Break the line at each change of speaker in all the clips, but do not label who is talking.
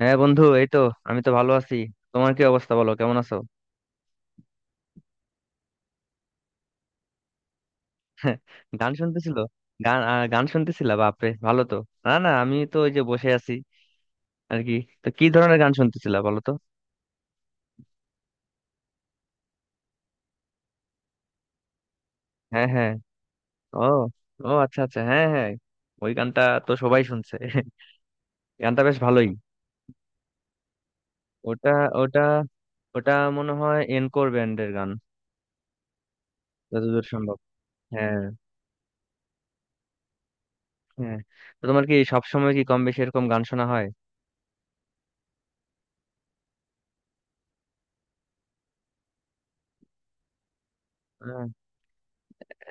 হ্যাঁ বন্ধু, এই তো আমি তো ভালো আছি। তোমার কি অবস্থা, বলো কেমন আছো? গান শুনতেছিল। গান গান শুনতেছিলা, বাপরে ভালো তো। না না, আমি তো ওই যে বসে আছি আর কি। তো কি ধরনের গান শুনতেছিলা বলো তো? হ্যাঁ হ্যাঁ। ও, ও আচ্ছা আচ্ছা, হ্যাঁ হ্যাঁ। ওই গানটা তো সবাই শুনছে। গানটা বেশ ভালোই। ওটা ওটা ওটা মনে হয় এনকোর ব্যান্ডের গান, যতদূর সম্ভব। হ্যাঁ হ্যাঁ। তো তোমার কি সবসময় কি কম বেশি এরকম গান শোনা হয়? আহ,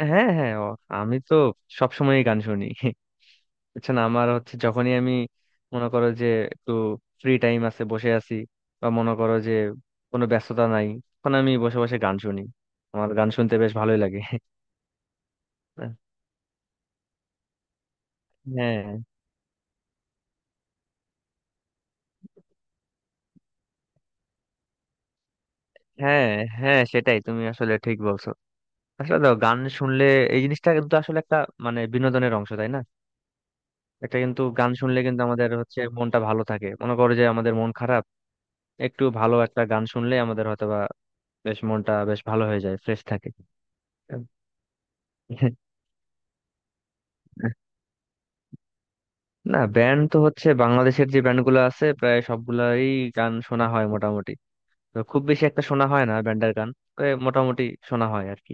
হ্যাঁ হ্যাঁ, ও, আমি তো সবসময় গান শুনি। বুঝছেন, আমার হচ্ছে যখনই আমি মনে করো যে একটু ফ্রি টাইম আছে, বসে আছি, বা মনে করো যে কোনো ব্যস্ততা নাই, তখন আমি বসে বসে গান শুনি। আমার গান শুনতে বেশ ভালোই লাগে। হ্যাঁ হ্যাঁ, হ্যাঁ সেটাই, তুমি আসলে ঠিক বলছো। আসলে দেখো, গান শুনলে এই জিনিসটা কিন্তু আসলে একটা মানে বিনোদনের অংশ, তাই না? একটা কিন্তু গান শুনলে কিন্তু আমাদের হচ্ছে মনটা ভালো থাকে। মনে করো যে আমাদের মন খারাপ, একটু ভালো একটা গান শুনলে আমাদের হয়তোবা বেশ মনটা বেশ ভালো হয়ে যায়, ফ্রেশ থাকে। না, ব্যান্ড তো হচ্ছে বাংলাদেশের যে ব্যান্ডগুলো আছে প্রায় সবগুলাই গান শোনা হয় মোটামুটি। তো খুব বেশি একটা শোনা হয় না ব্যান্ডের গান। তো এ মোটামুটি শোনা হয় আর কি।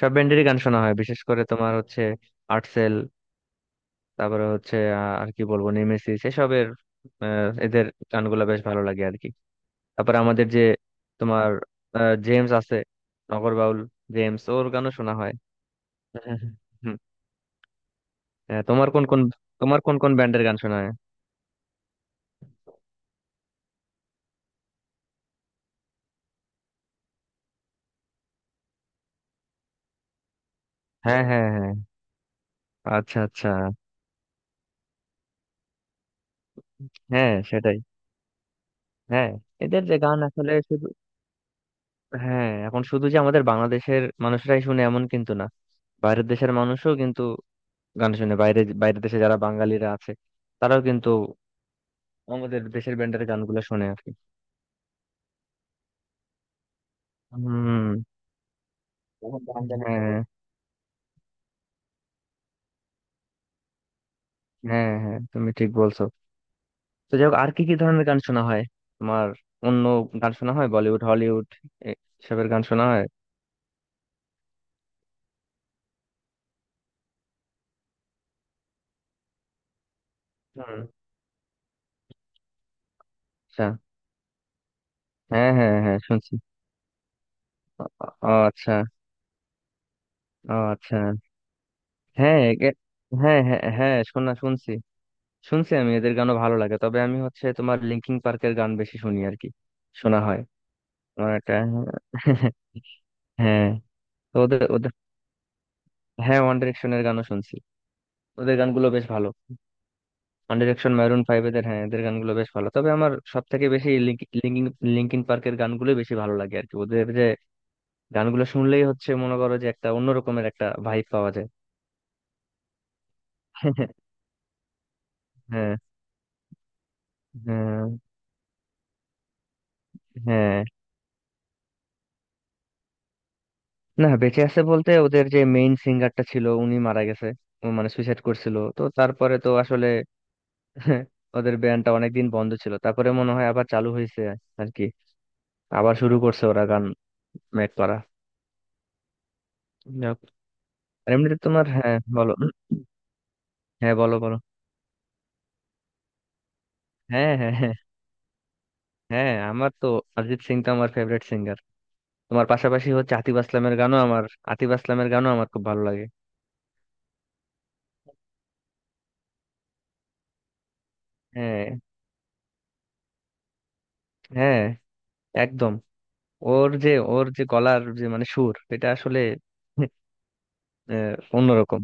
সব ব্যান্ডেরই গান শোনা হয়, বিশেষ করে তোমার হচ্ছে আর্টসেল, তারপরে হচ্ছে আর কি বলবো, নেমেসিস, এসবের এদের গানগুলো বেশ ভালো লাগে আর কি। তারপরে আমাদের যে তোমার জেমস আছে, নগর বাউল জেমস, ওর গানও শোনা হয়। হ্যাঁ, হ্যাঁ, হ্যাঁ, তোমার কোন কোন ব্যান্ডের গান শোনা হয়? হ্যাঁ হ্যাঁ হ্যাঁ। আচ্ছা আচ্ছা। হ্যাঁ সেটাই। হ্যাঁ। এদের যে গান আসলে শুধু, হ্যাঁ এখন শুধু যে আমাদের বাংলাদেশের মানুষরাই শুনে এমন কিন্তু না, বাইরের দেশের মানুষও কিন্তু গান শুনে। বাইরে বাইরের দেশে যারা বাঙালিরা আছে তারাও কিন্তু আমাদের দেশের ব্যান্ডের গানগুলো শুনে আর কি। হম। হ্যাঁ। হ্যাঁ হ্যাঁ, তুমি ঠিক বলছো। তো যাই হোক, আর কি কি ধরনের গান শোনা হয় তোমার? অন্য গান শোনা হয়, বলিউড, হলিউড, এ- এসবের গান শোনা হয়? হুম, আচ্ছা। হ্যাঁ হ্যাঁ হ্যাঁ, শুনছি। ও, ও, আচ্ছা। ও আচ্ছা। হ্যাঁ একে- হ্যাঁ হ্যাঁ হ্যাঁ, শুনছি। শুনছি, আমি এদের গানও ভালো লাগে, তবে আমি হচ্ছে তোমার লিঙ্কিং পার্কের গান বেশি শুনি আর কি। শোনা হয়। আমার একটা হ্যাঁ। তো ওদের ওদের হ্যাঁ, ওয়ান ডিরেকশনের গানও শুনছি, ওদের গানগুলো বেশ ভালো। ওয়ান ডিরেকশন, মারুন ফাইভ, এদের, হ্যাঁ এদের গানগুলো বেশ ভালো, তবে আমার সব থেকে বেশি লিঙ্কিং লিঙ্কিং পার্কের গানগুলো বেশি ভালো লাগে আর কি। ওদের যে গানগুলো শুনলেই হচ্ছে মনে করো যে একটা অন্যরকমের একটা ভাইব পাওয়া যায়। হ্যাঁ হ্যাঁ হ্যাঁ। না, বেঁচে আছে বলতে ওদের যে মেইন সিঙ্গারটা ছিল উনি মারা গেছে। ও মানে সুইসাইড করছিল, তো তারপরে তো আসলে ওদের ব্যান্ডটা অনেকদিন বন্ধ ছিল, তারপরে মনে হয় আবার চালু হয়েছে আর কি। আবার শুরু করছে ওরা গান মেক করা যাক। আর এমনিতে তোমার, হ্যাঁ বলো। হ্যাঁ বলো বলো। হ্যাঁ হ্যাঁ হ্যাঁ। হ্যাঁ আমার তো অরিজিৎ সিং তো আমার ফেভারিট সিঙ্গার। তোমার পাশাপাশি হচ্ছে আতিফ আসলামের গানও আমার, আতিফ আসলামের গানও আমার খুব ভালো লাগে। হ্যাঁ হ্যাঁ, একদম। ওর যে ওর যে গলার যে মানে সুর এটা আসলে অন্যরকম।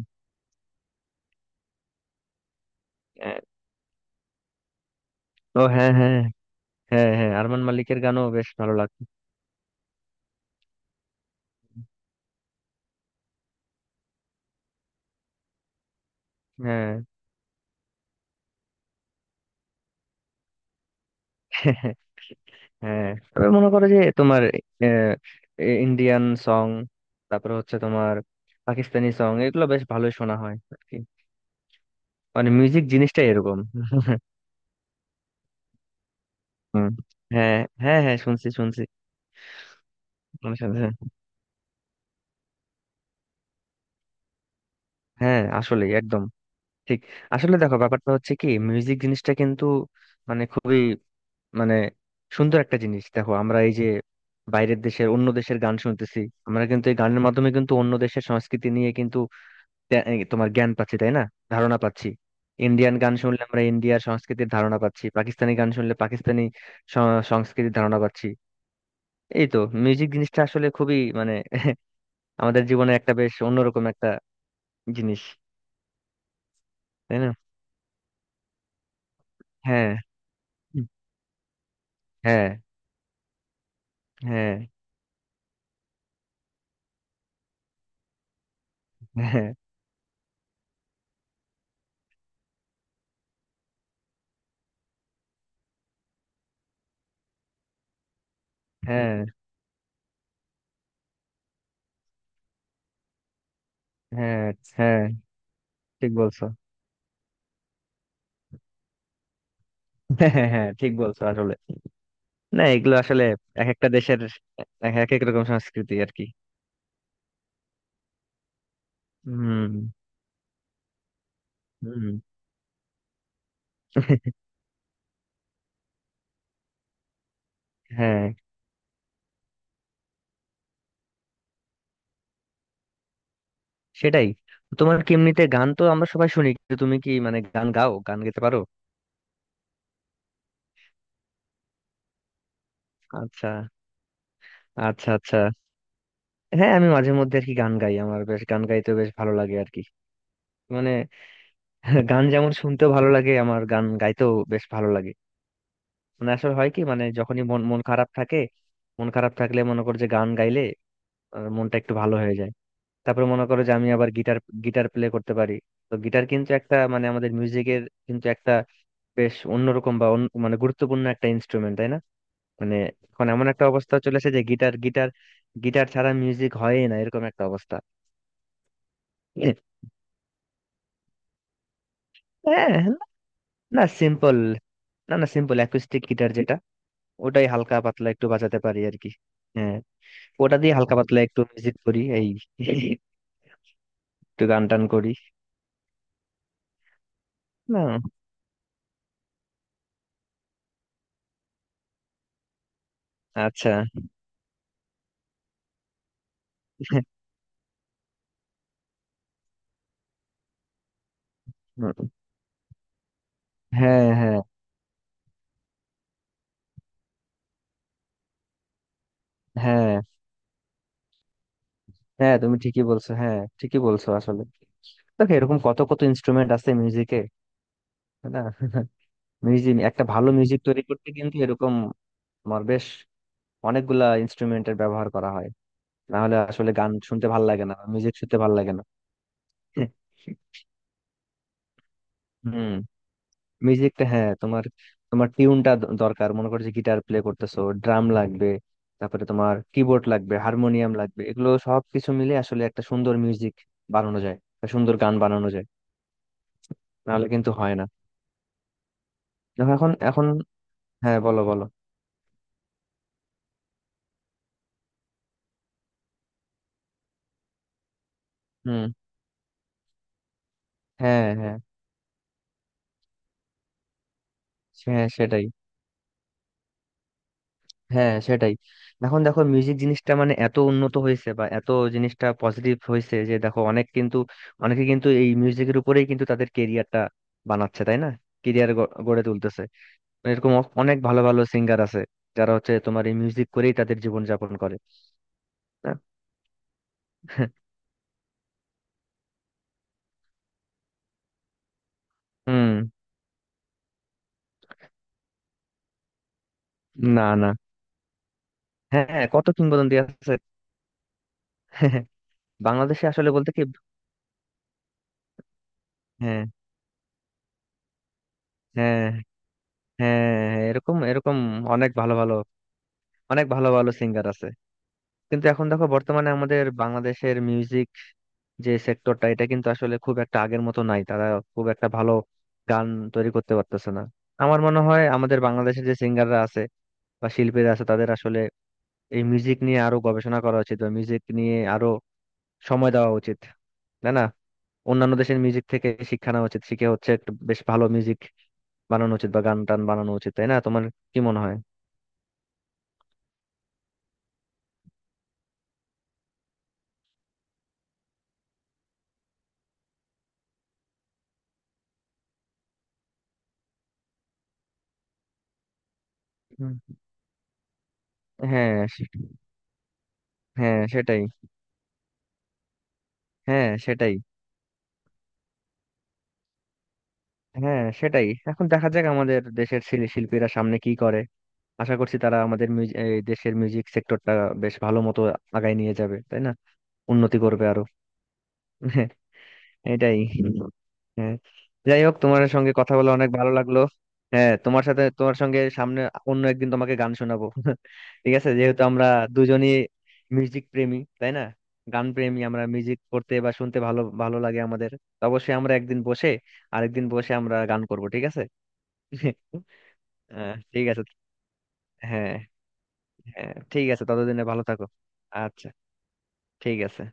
আহ, ও হ্যাঁ হ্যাঁ। হ্যাঁ হ্যাঁ, আরমান মালিকের গানও বেশ ভালো লাগতো। হ্যাঁ। হ্যাঁ, তবে মনে করো যে তোমার ইন্ডিয়ান সং, তারপর হচ্ছে তোমার পাকিস্তানি সং, এগুলো বেশ ভালোই শোনা হয় আর কি। মানে মিউজিক জিনিসটাই এরকম। হুম। হ্যাঁ হ্যাঁ হ্যাঁ, শুনছি শুনছি। আমার সাথে- হ্যাঁ আসলে একদম ঠিক। আসলে দেখো, ব্যাপারটা হচ্ছে কি, মিউজিক জিনিসটা কিন্তু মানে খুবই মানে সুন্দর একটা জিনিস। দেখো আমরা এই যে বাইরের দেশের, অন্য দেশের গান শুনতেছি, আমরা কিন্তু এই গানের মাধ্যমে কিন্তু অন্য দেশের সংস্কৃতি নিয়ে কিন্তু এই তোমার জ্ঞান পাচ্ছি, তাই না? ধারণা পাচ্ছি। ইন্ডিয়ান গান শুনলে আমরা ইন্ডিয়ার সংস্কৃতির ধারণা পাচ্ছি, পাকিস্তানি গান শুনলে পাকিস্তানি সংস্কৃতির ধারণা পাচ্ছি। এই তো, মিউজিক জিনিসটা আসলে খুবই মানে আমাদের জীবনে একটা বেশ অন্যরকম একটা জিনিস। তাই না? হ্যাঁ। হ্যাঁ। হ্যাঁ। হ্যাঁ হ্যাঁ হ্যাঁ, হ্যাঁ ঠিক বলছো। হ্যাঁ হ্যাঁ হ্যাঁ, ঠিক বলছো আসলে। না এগুলো আসলে এক একটা দেশের এক এক এক রকম সংস্কৃতি আর কি। হুম। হুম। হ্যাঁ সেটাই। তোমার কি এমনিতে, গান তো আমরা সবাই শুনি কিন্তু তুমি কি মানে গান গাও, গান গাইতে পারো? আচ্ছা আচ্ছা। আচ্ছা হ্যাঁ, আমি মাঝে মধ্যে আর কি গান গাই। আমার বেশ গান গাইতে বেশ ভালো লাগে আর কি। মানে গান যেমন শুনতেও ভালো লাগে, আমার গান গাইতেও বেশ ভালো লাগে। মানে আসলে হয় কি, মানে যখনই মন মন খারাপ থাকে, মন খারাপ থাকলে মনে কর যে গান গাইলে মনটা একটু ভালো হয়ে যায়। তারপর মনে করো যে আমি আবার গিটার গিটার প্লে করতে পারি। তো গিটার কিন্তু একটা মানে আমাদের মিউজিকের কিন্তু একটা বেশ অন্যরকম বা মানে গুরুত্বপূর্ণ একটা ইনস্ট্রুমেন্ট, তাই না? মানে এখন এমন একটা অবস্থা চলে এসেছে যে গিটার গিটার গিটার ছাড়া মিউজিক হয়ই না, এরকম একটা অবস্থা। হ্যাঁ। না সিম্পল, না না সিম্পল অ্যাকুস্টিক গিটার যেটা ওটাই হালকা পাতলা একটু বাজাতে পারি আর কি। হ্যাঁ। ওটা দিয়ে হালকা পাতলা একটু মিউজিক করি, এই একটু গান টান করি। না। আচ্ছা। হ্যাঁ হ্যাঁ হ্যাঁ, হ্যাঁ তুমি ঠিকই বলছো, হ্যাঁ ঠিকই বলছো আসলে। দেখো এরকম কত কত ইনস্ট্রুমেন্ট আছে মিউজিকে। না। মিউজিক, একটা ভালো মিউজিক তৈরি করতে কিন্তু এরকম আমার বেশ অনেকগুলা ইনস্ট্রুমেন্টের ব্যবহার করা হয়, না হলে আসলে গান শুনতে ভালো লাগে না, মিউজিক শুনতে ভালো লাগে না। হুম। মিউজিকটা, হ্যাঁ তোমার, তোমার টিউনটা দরকার। মনে করো যে গিটার প্লে করতেছো, ড্রাম লাগবে, তারপরে তোমার কিবোর্ড লাগবে, হারমোনিয়াম লাগবে, এগুলো সব কিছু মিলে আসলে একটা সুন্দর মিউজিক বানানো যায়, একটা সুন্দর গান বানানো যায়, নাহলে কিন্তু হয় না। দেখো এখন এখন হ্যাঁ বলো বলো। হুম। হ্যাঁ হ্যাঁ। হ্যাঁ সেটাই, হ্যাঁ সেটাই। এখন দেখো মিউজিক জিনিসটা মানে এত উন্নত হয়েছে, বা এত জিনিসটা পজিটিভ হয়েছে, যে দেখো অনেক কিন্তু, অনেকে কিন্তু এই মিউজিকের উপরেই কিন্তু তাদের কেরিয়ারটা বানাচ্ছে, তাই না? কেরিয়ার গড়ে তুলতেছে। মানে এরকম অনেক ভালো ভালো সিঙ্গার আছে যারা হচ্ছে তোমার এই মিউজিক করেই তাদের জীবন যাপন করে, না? হুম। না না। হ্যাঁ কত কিংবদন্তি আছে। বাংলাদেশে আসলে বলতে কি, হ্যাঁ। হ্যাঁ। হ্যাঁ, হ্যাঁ এরকম এরকম অনেক ভালো ভালো অনেক ভালো ভালো সিঙ্গার আছে। কিন্তু এখন দেখো, বর্তমানে আমাদের বাংলাদেশের মিউজিক যে সেক্টরটা, এটা কিন্তু আসলে খুব একটা আগের মতো নাই। তারা খুব একটা ভালো গান তৈরি করতে পারতেছে না। আমার মনে হয় আমাদের বাংলাদেশের যে সিঙ্গাররা আছে বা শিল্পীরা আছে, তাদের আসলে এই মিউজিক নিয়ে আরো গবেষণা করা উচিত, বা মিউজিক নিয়ে আরো সময় দেওয়া উচিত, তাই না? অন্যান্য দেশের মিউজিক থেকে শিক্ষা নেওয়া উচিত, শিখে হচ্ছে একটা বেশ ভালো মিউজিক বানানো উচিত, বা গান টান বানানো উচিত, তাই না? তোমার কি মনে হয়? হ্যাঁ সে- হ্যাঁ সেটাই। হ্যাঁ সেটাই, হ্যাঁ সেটাই। এখন দেখা যাক আমাদের দেশের শিল্পীরা সামনে কি করে। আশা করছি তারা আমাদের এই দেশের মিউজিক সেক্টরটা বেশ ভালো মতো আগায় নিয়ে যাবে, তাই না? উন্নতি করবে আরো। এটাই। হ্যাঁ। যাই হোক, তোমার সঙ্গে কথা বলে অনেক ভালো লাগলো। হ্যাঁ তোমার সাথে, তোমার সঙ্গে সামনে অন্য একদিন তোমাকে গান শোনাবো। ঠিক আছে, যেহেতু আমরা দুজনই মিউজিক প্রেমী, তাই না? গান প্রেমী, আমরা মিউজিক করতে বা শুনতে ভালো ভালো লাগে আমাদের। তো অবশ্যই আমরা একদিন বসে, আরেকদিন বসে আমরা গান করব, ঠিক আছে? ঠিক আছে। হ্যাঁ হ্যাঁ ঠিক আছে, ততদিনে ভালো থাকো। আচ্ছা। ঠিক আছে।